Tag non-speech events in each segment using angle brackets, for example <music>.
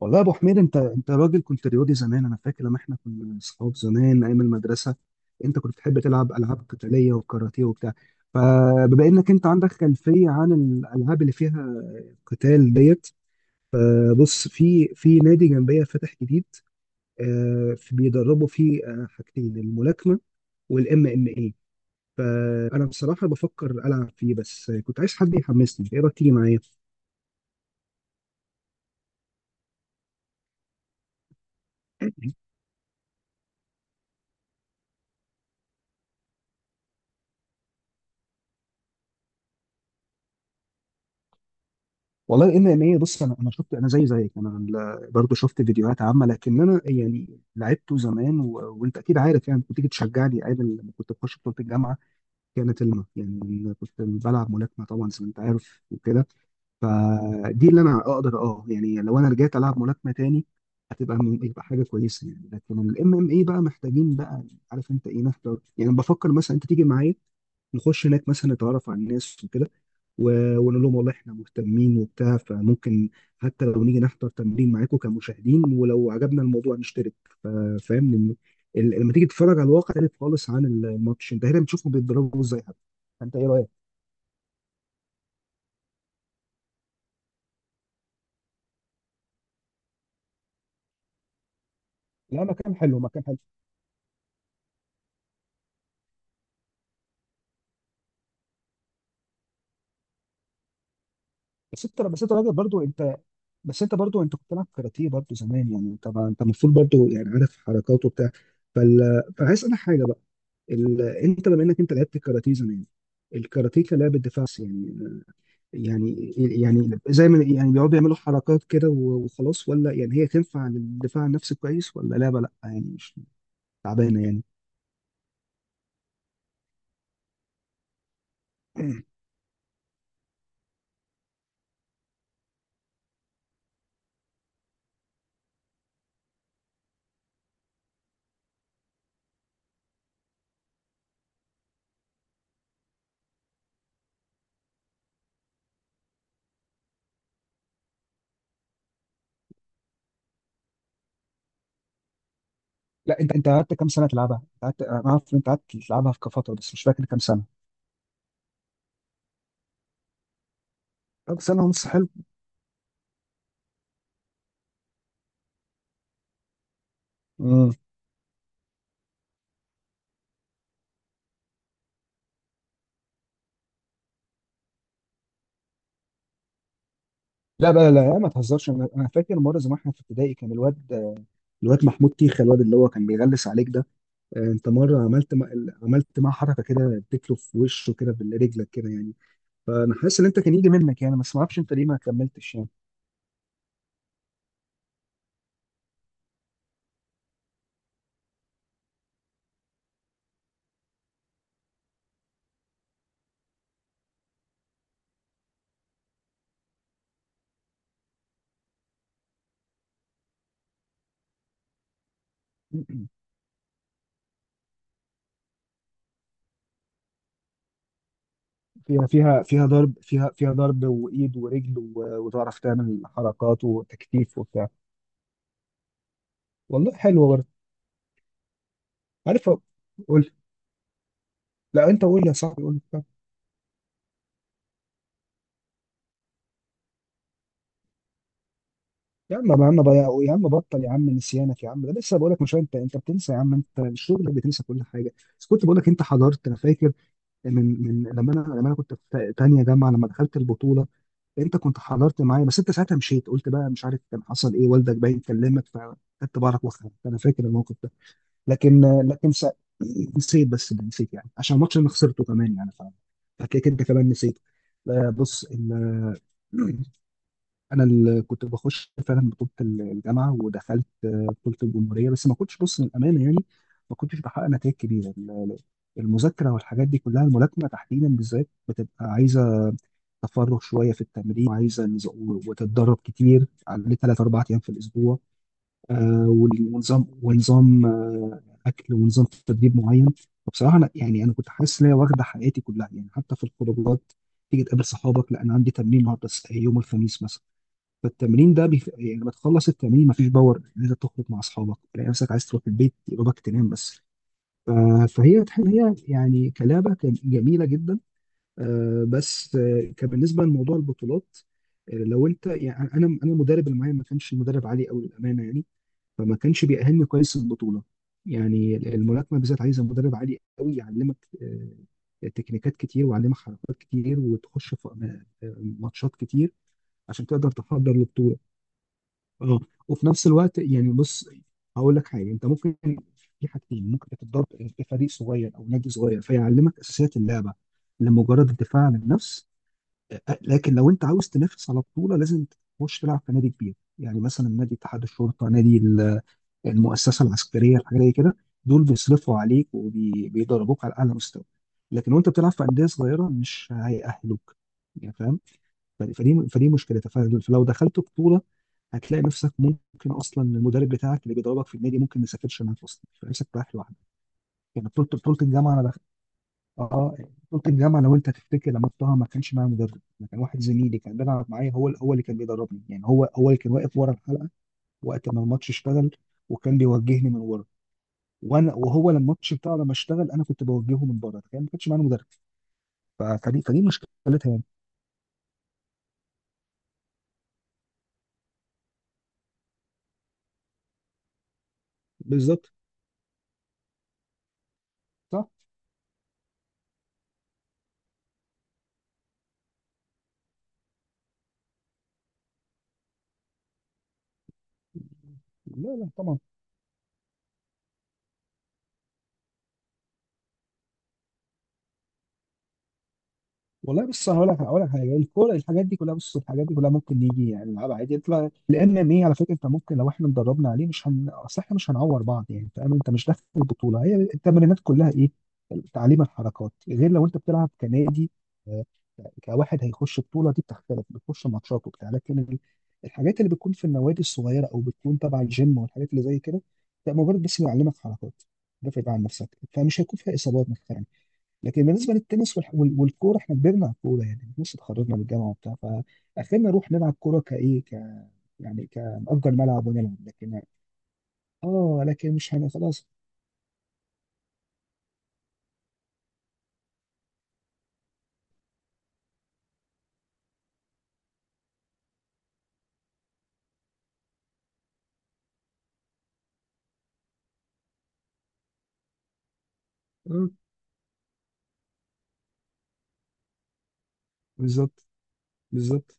والله يا ابو حميد، انت راجل، كنت رياضي زمان. انا فاكر لما احنا كنا اصحاب زمان ايام المدرسه، انت كنت بتحب تلعب العاب قتاليه وكاراتيه وبتاع. فبما انك انت عندك خلفيه عن الالعاب اللي فيها قتال ديت، فبص في نادي جنبيه فاتح جديد. بيدربوا فيه حاجتين: الملاكمه والام ام اي. فانا بصراحه بفكر العب فيه، بس كنت عايز حد يحمسني. ايه رايك تيجي معايا؟ والله ان ايه، بص، انا شفت، انا زي زيك، انا برضو شفت فيديوهات عامه، لكن انا يعني لعبته زمان وانت اكيد عارف يعني، كنت تيجي تشجعني ايام لما كنت بخش بطوله الجامعه، كانت الم يعني. أنا كنت بلعب ملاكمه طبعا زي ما انت عارف وكده، فدي اللي انا اقدر يعني، لو انا رجعت العب ملاكمه تاني هتبقى من يبقى حاجه كويسه يعني. لكن الام ام اي بقى محتاجين بقى، عارف انت ايه نحضر، يعني بفكر مثلا انت تيجي معايا نخش هناك، مثلا نتعرف على الناس وكده. ونقول لهم والله احنا مهتمين وبتاع. فممكن حتى لو نيجي نحضر تمرين معاكم كمشاهدين، ولو عجبنا الموضوع نشترك. ف- فاهم؟ لأن لما تيجي تتفرج على الواقع تختلف خالص عن الماتش، انت هنا بتشوفهم بيتضربوا ازاي حتى. انت ايه رايك؟ لا، مكان حلو مكان حلو. بس انت راجل برضو انت. بس انت برضو انت كنت بتلعب كاراتيه برضو زمان يعني، انت المفروض برضو يعني عارف حركاته وبتاع. فعايز اسالك حاجه بقى. انت بما انك انت لعبت كاراتيه زمان، الكاراتيه كلاعب دفاع يعني، يعني زي ما يعني بيقعدوا يعملوا حركات كده وخلاص، ولا يعني هي تنفع للدفاع عن النفس كويس؟ ولا لعبة لا يعني مش تعبانة يعني؟ لا، انت قعدت كام سنة تلعبها؟ انت قعدت، انا عارف ان انت قعدت تلعبها في فترة، بس مش فاكر كام سنة. طب سنة ونص حلو. امم. لا بقى، لا لا، ما تهزرش. انا فاكر مرة زمان احنا في ابتدائي، كان الواد محمود تيخة، الواد اللي هو كان بيغلس عليك ده. انت مرة عملت معاه حركة كده، اديت له في وشه كده برجلك كده يعني. فانا حاسس ان انت كان يجي منك يعني، بس ما اعرفش انت ليه ما كملتش يعني. <clears throat> فيها ضرب وايد ورجل، وتعرف تعمل حركات وتكتيف وبتاع. والله حلوه برضه. عارف. قول. لا انت قول يا صاحبي، قول لي. يا عم، يا عم بقى، يا عم بطل، يا عم نسيانك يا عم، ده لسه بقول لك، مش انت بتنسى يا عم، انت الشغل بتنسى كل حاجه. بس كنت بقول لك انت حضرت، انا فاكر من لما انا كنت في تانيه جامعه لما دخلت البطوله. انت كنت حضرت معايا، بس انت ساعتها مشيت، قلت بقى مش عارف كان حصل ايه، والدك باين كلمك فخدت بعضك واخدت. انا فاكر الموقف ده. لكن لكن س- نسيت، بس ده نسيت يعني عشان الماتش انا خسرته كمان يعني. فهتلاقيك انت كمان نسيت. بص انا اللي كنت بخش فعلا بطوله الجامعه، ودخلت بطوله الجمهوريه، بس ما كنتش بص للامانه يعني. ما كنتش بحقق نتائج كبيره، المذاكره والحاجات دي كلها. الملاكمه تحديدا بالذات بتبقى عايزه تفرغ شويه في التمرين، وتتدرب كتير على ثلاث اربع ايام في الاسبوع. ونظام اكل، ونظام تدريب معين. فبصراحه انا يعني انا كنت حاسس ان هي واخده حياتي كلها يعني، حتى في الخروجات. تيجي تقابل صحابك، لا انا عندي تمرين النهارده، يوم الخميس مثلا، فالتمرين ده يعني لما تخلص التمرين مفيش باور ان انت تخرج مع اصحابك، تلاقي نفسك عايز تروح البيت، يا دوبك تنام بس. ف- فهي، تحب هي يعني كلعبه، كان جميله جدا. بس كان بالنسبه لموضوع البطولات، لو انت يعني، انا المدرب اللي معايا ما كانش مدرب عالي قوي للامانه يعني، فما كانش بيأهلني كويس للبطوله. يعني الملاكمه بالذات عايزه مدرب عالي قوي يعلمك تكنيكات كتير، ويعلمك حركات كتير، وتخش في ماتشات كتير عشان تقدر تحضر البطوله. اه. وفي نفس الوقت يعني بص، هقول لك حاجه. انت ممكن، في حاجتين ممكن تتدرب، في فريق صغير او نادي صغير فيعلمك اساسيات اللعبه لمجرد الدفاع عن النفس. لكن لو انت عاوز تنافس على بطوله لازم تخش تلعب في نادي كبير، يعني مثلا نادي اتحاد الشرطه، نادي المؤسسه العسكريه، الحاجه زي كده. دول بيصرفوا عليك وبيدربوك على اعلى مستوى، لكن وانت بتلعب في انديه صغيره مش هيأهلوك. يعني فاهم، فدي مشكلتها. فلو دخلت بطوله هتلاقي نفسك، ممكن اصلا المدرب بتاعك اللي بيدربك في النادي ممكن ما يسافرش معاك اصلا، فنفسك رايح لوحدك. يعني بطوله الجامعه انا دخلت. اه. بطوله الجامعه لو انت تفتكر لما رحتها، ما كانش معايا مدرب. أنا كان واحد زميلي كان بيلعب معايا، هو اللي كان بيدربني يعني، هو اللي كان واقف ورا الحلقه وقت ما الماتش اشتغل، وكان بيوجهني من ورا. وانا وهو لما الماتش بتاعه لما اشتغل انا كنت بوجهه من بره، تخيل ما كانش معانا مدرب. فدي مشكلتها يعني. بالظبط. صح. لا لا طبعا. والله بص، انا هقول لك حاجه. الكوره، الحاجات دي كلها، بص، الحاجات دي كلها ممكن نيجي يعني نلعبها عادي يطلع، لان ايه، على فكره انت ممكن لو احنا اتدربنا عليه مش اصل احنا مش هنعور بعض يعني، فاهم؟ انت مش داخل البطوله، هي التمرينات كلها ايه، تعليم الحركات. غير لو انت بتلعب كنادي، آه، كواحد هيخش بطوله، دي بتختلف، بتخش ماتشات وبتاع. لكن الحاجات اللي بتكون في النوادي الصغيره، او بتكون تبع الجيم والحاجات اللي زي كده، ده مجرد بس بيعلمك حركات، دافع بقى عن نفسك، فمش هيكون فيها اصابات مثلا. لكن بالنسبه للتنس والكوره، احنا كبرنا على الكوره يعني، لسه اتخرجنا من الجامعه وبتاع. فاخرنا نروح نلعب كوره كايه ك يعني، كنأجر ملعب ونلعب. لكن، اه، لكن مش خلاص. اه بالظبط. بالظبط.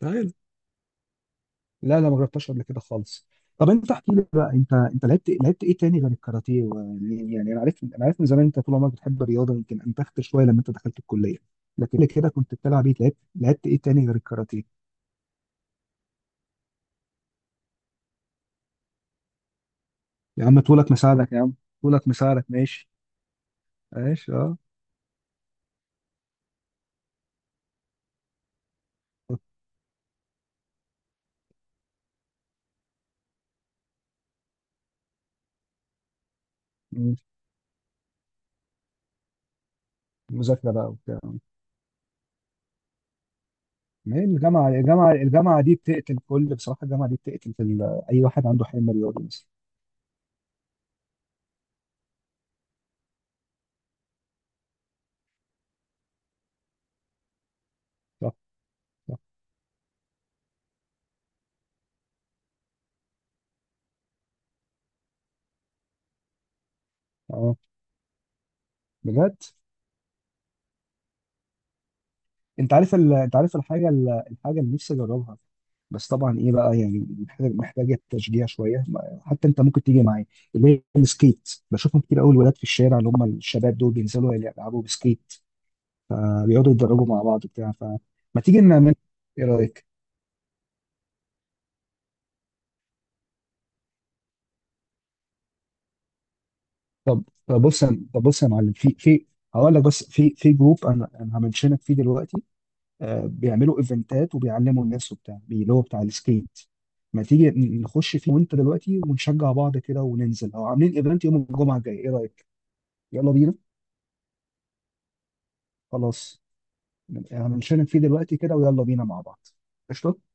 تعالى. لا لا ما جربتهاش قبل كده خالص. طب انت احكي لي بقى، انت لعبت ايه تاني غير الكاراتيه؟ يعني انا عارف من زمان انت طول عمرك بتحب الرياضه، يمكن انتخت شويه لما انت دخلت الكليه. لكن قبل كده كنت بتلعب ايه؟ لعبت ايه تاني غير الكاراتيه؟ يا عم طولك مساعدك يا عم، طولك مساعدك ماشي. عايش اه. مم. مذاكره بقى وبتاع. ما هي الجامعه، الجامعه دي بتقتل كل، بصراحه الجامعه دي بتقتل في اي واحد عنده حلم رياضي مثلا. صح. صح. اه. بجد. انت عارف انت عارف الحاجه، الحاجه اللي نفسي اجربها، بس طبعا ايه بقى، يعني محتاج، تشجيع شويه، حتى انت ممكن تيجي معايا، اللي هي السكيت. بشوفهم كتير قوي الولاد في الشارع، اللي هم الشباب دول بينزلوا يلعبوا بسكيت، فبيقعدوا يتدربوا مع بعض وبتاع. فما تيجي نعمل، ايه رايك؟ طب بص طب بص يا معلم، في هقول لك بس، في جروب انا همنشنك فيه دلوقتي. بيعملوا ايفنتات وبيعلموا الناس وبتاع، اللي هو بتاع السكيت. ما تيجي نخش فيه وانت دلوقتي، ونشجع بعض كده وننزل، او عاملين ايفنت يوم الجمعه الجاي، ايه رايك؟ يلا بينا. خلاص. همنشنك فيه دلوقتي كده، ويلا بينا مع بعض. قشطه.